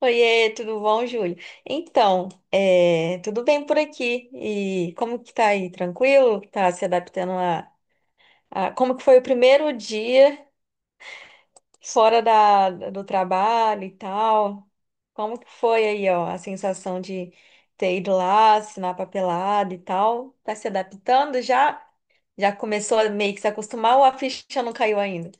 Oiê, tudo bom, Júlio? Então, tudo bem por aqui? E como que tá aí? Tranquilo? Tá se adaptando como que foi o primeiro dia fora do trabalho e tal? Como que foi aí, ó, a sensação de ter ido lá, assinar papelada e tal? Tá se adaptando já? Já começou a meio que se acostumar ou a ficha não caiu ainda?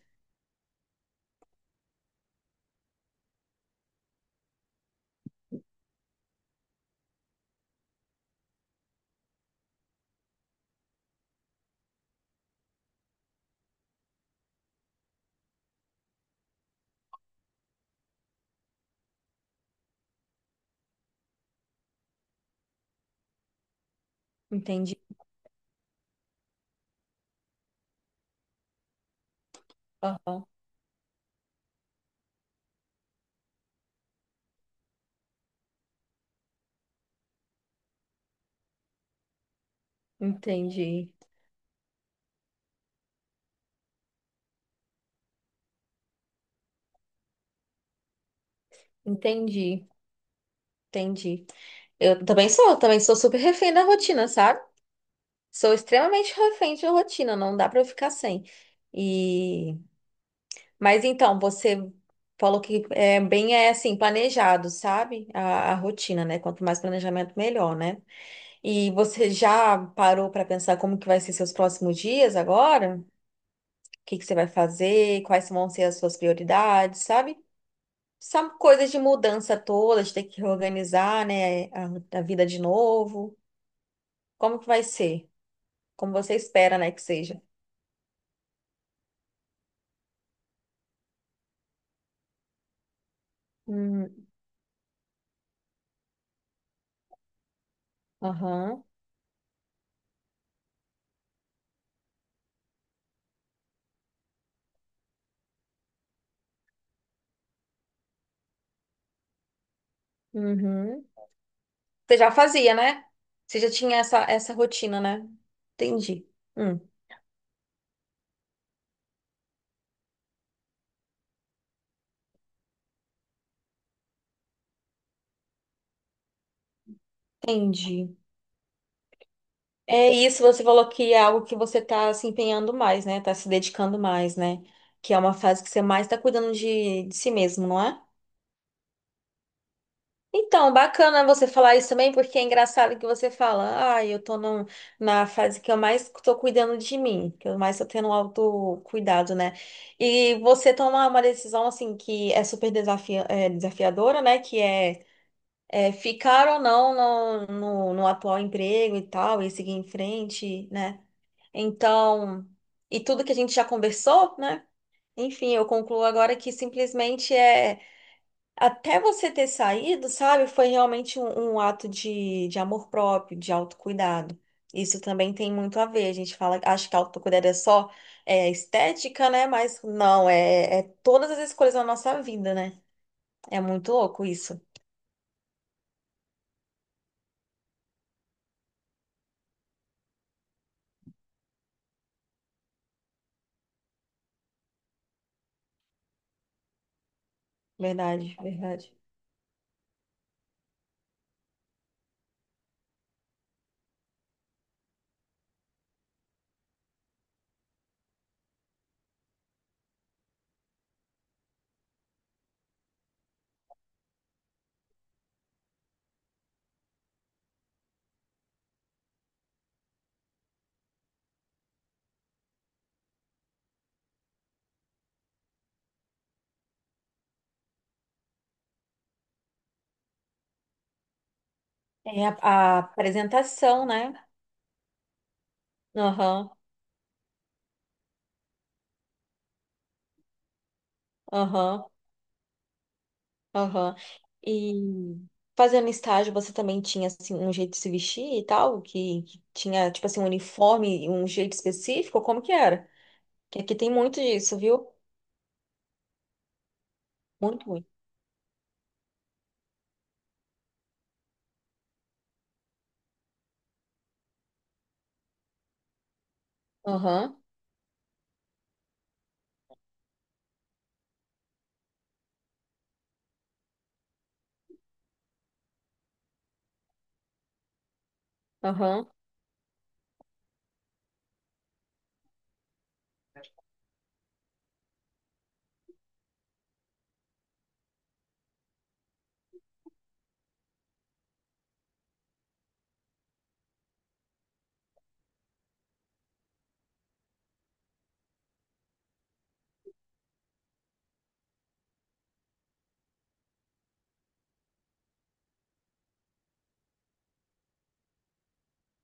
Entendi. Aham. Entendi. Entendi. Entendi. Eu também sou super refém da rotina, sabe? Sou extremamente refém de rotina, não dá pra eu ficar sem. E Mas então, você falou que é bem assim, planejado, sabe? A rotina, né? Quanto mais planejamento, melhor, né? E você já parou para pensar como que vai ser seus próximos dias agora? O que que você vai fazer? Quais vão ser as suas prioridades, sabe? São coisas de mudança toda, de ter que reorganizar, né? A vida de novo. Como que vai ser? Como você espera, né, que seja? Hum. Aham. Uhum. Você já fazia, né? Você já tinha essa rotina, né? Entendi. Hum, entendi. É isso, você falou que é algo que você tá se empenhando mais, né? Tá se dedicando mais, né? Que é uma fase que você mais tá cuidando de si mesmo, não é? Então, bacana você falar isso também, porque é engraçado que você fala, ah, eu tô na fase que eu mais tô cuidando de mim, que eu mais tô tendo um autocuidado, né? E você tomar uma decisão, assim, que é super desafiadora, né? Que é ficar ou não no atual emprego e tal, e seguir em frente, né? Então, e tudo que a gente já conversou, né? Enfim, eu concluo agora que simplesmente é. Até você ter saído, sabe? Foi realmente um ato de amor próprio, de autocuidado. Isso também tem muito a ver. A gente fala, acha que autocuidado é só estética, né? Mas não, é todas as escolhas da nossa vida, né? É muito louco isso. Verdade, verdade. É a apresentação, né? Aham, aham, aham. E fazendo estágio, você também tinha, assim, um jeito de se vestir e tal? Que tinha, tipo assim, um uniforme, e um jeito específico? Como que era? Que aqui tem muito disso, viu? Muito, muito. Aham, aham.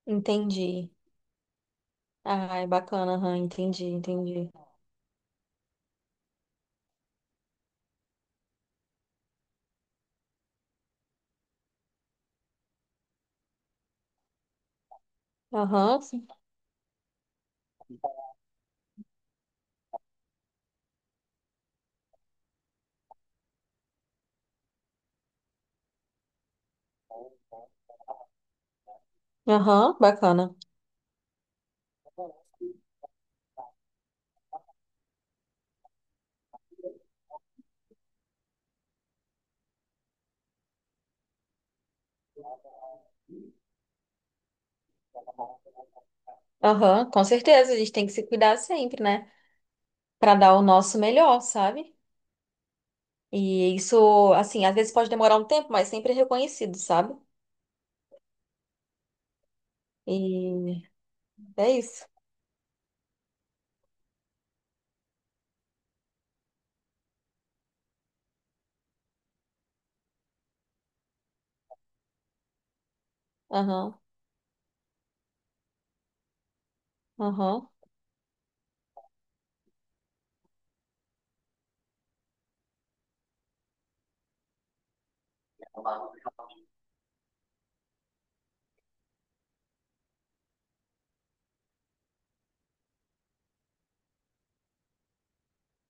Entendi. Ai, bacana, aham, entendi, entendi. Aham, sim. Aham, bacana. Aham, com certeza, a gente tem que se cuidar sempre, né? Pra dar o nosso melhor, sabe? E isso, assim, às vezes pode demorar um tempo, mas sempre é reconhecido, sabe? E é isso. Aham, aham.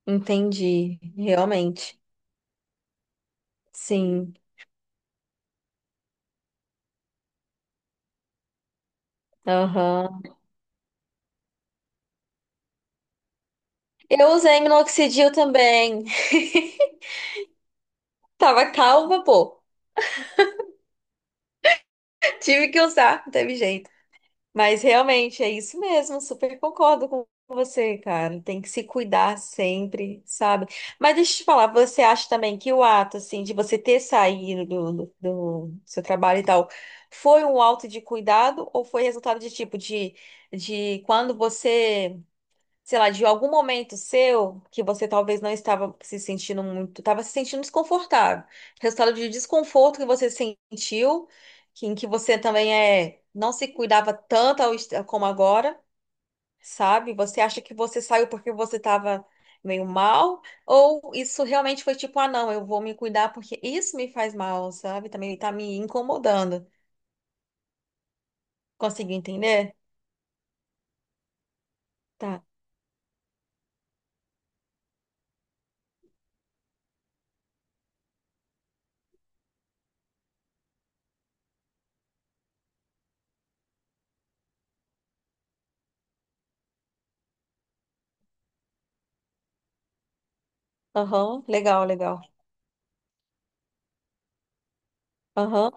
Entendi, realmente. Sim, aham. Eu usei minoxidil também. Tava calma, pô. Tive que usar, não teve jeito. Mas realmente é isso mesmo, super concordo com você, cara. Tem que se cuidar sempre, sabe? Mas deixa eu te falar, você acha também que o ato, assim, de você ter saído do seu trabalho e tal, foi um ato de cuidado ou foi resultado de de quando você sei lá, de algum momento seu que você talvez não estava se sentindo muito, estava se sentindo desconfortável. Resultado de desconforto que você sentiu, que, em que você também não se cuidava tanto como agora, sabe? Você acha que você saiu porque você estava meio mal, ou isso realmente foi tipo, ah, não, eu vou me cuidar porque isso me faz mal, sabe? Também tá me incomodando. Conseguiu entender? Tá. Aham, legal, legal. Aham,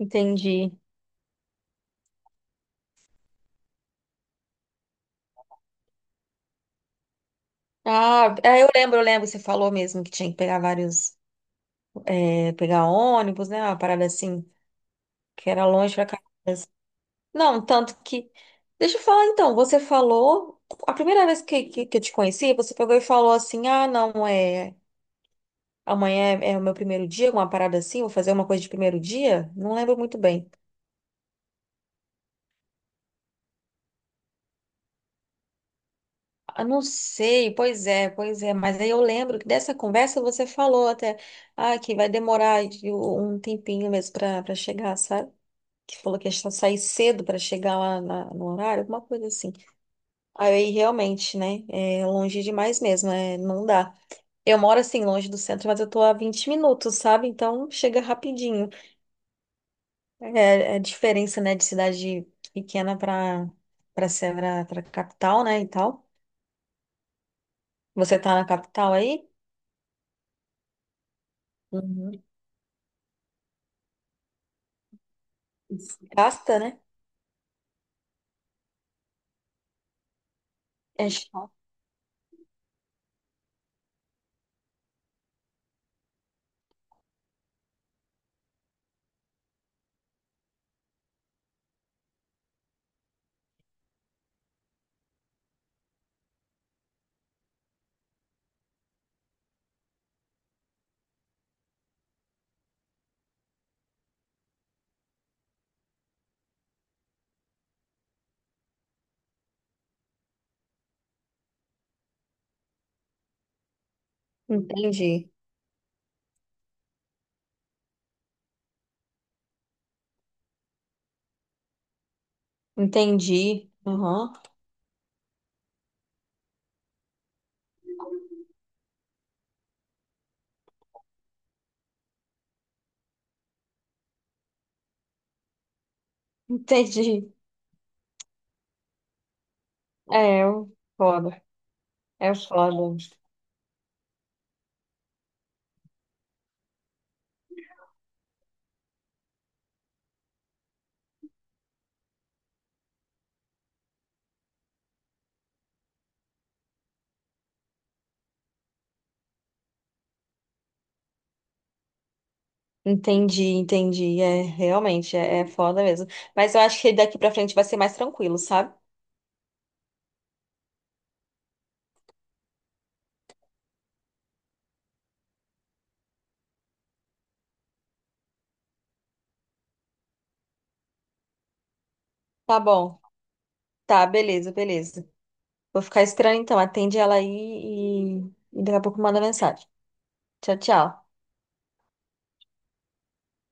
entendi. Ah, é, eu lembro, você falou mesmo que tinha que pegar vários, pegar ônibus, né? Uma parada assim, que era longe pra cá. Não, tanto que. Deixa eu falar então, você falou. A primeira vez que eu te conheci, você pegou e falou assim: ah, não, é. Amanhã é o meu primeiro dia, uma parada assim, vou fazer uma coisa de primeiro dia? Não lembro muito bem. Ah, não sei, pois é, mas aí eu lembro que dessa conversa você falou até, ah, que vai demorar um tempinho mesmo pra chegar, sabe? Que falou que ia só sair cedo para chegar lá no horário, alguma coisa assim. Aí realmente, né? É longe demais mesmo, é, não dá. Eu moro assim, longe do centro, mas eu tô a 20 minutos, sabe? Então chega rapidinho. É, é a diferença, né, de cidade pequena para Sevra, para capital, né, e tal. Você tá na capital aí? Uhum. Gasta, né? É chato. Entendi. Entendi. Aham. Entendi. É, foda. É foda. Entendi, entendi. É, realmente, é foda mesmo. Mas eu acho que daqui pra frente vai ser mais tranquilo, sabe? Tá bom. Tá, beleza, beleza. Vou ficar esperando então. Atende ela aí e daqui a pouco manda mensagem. Tchau, tchau.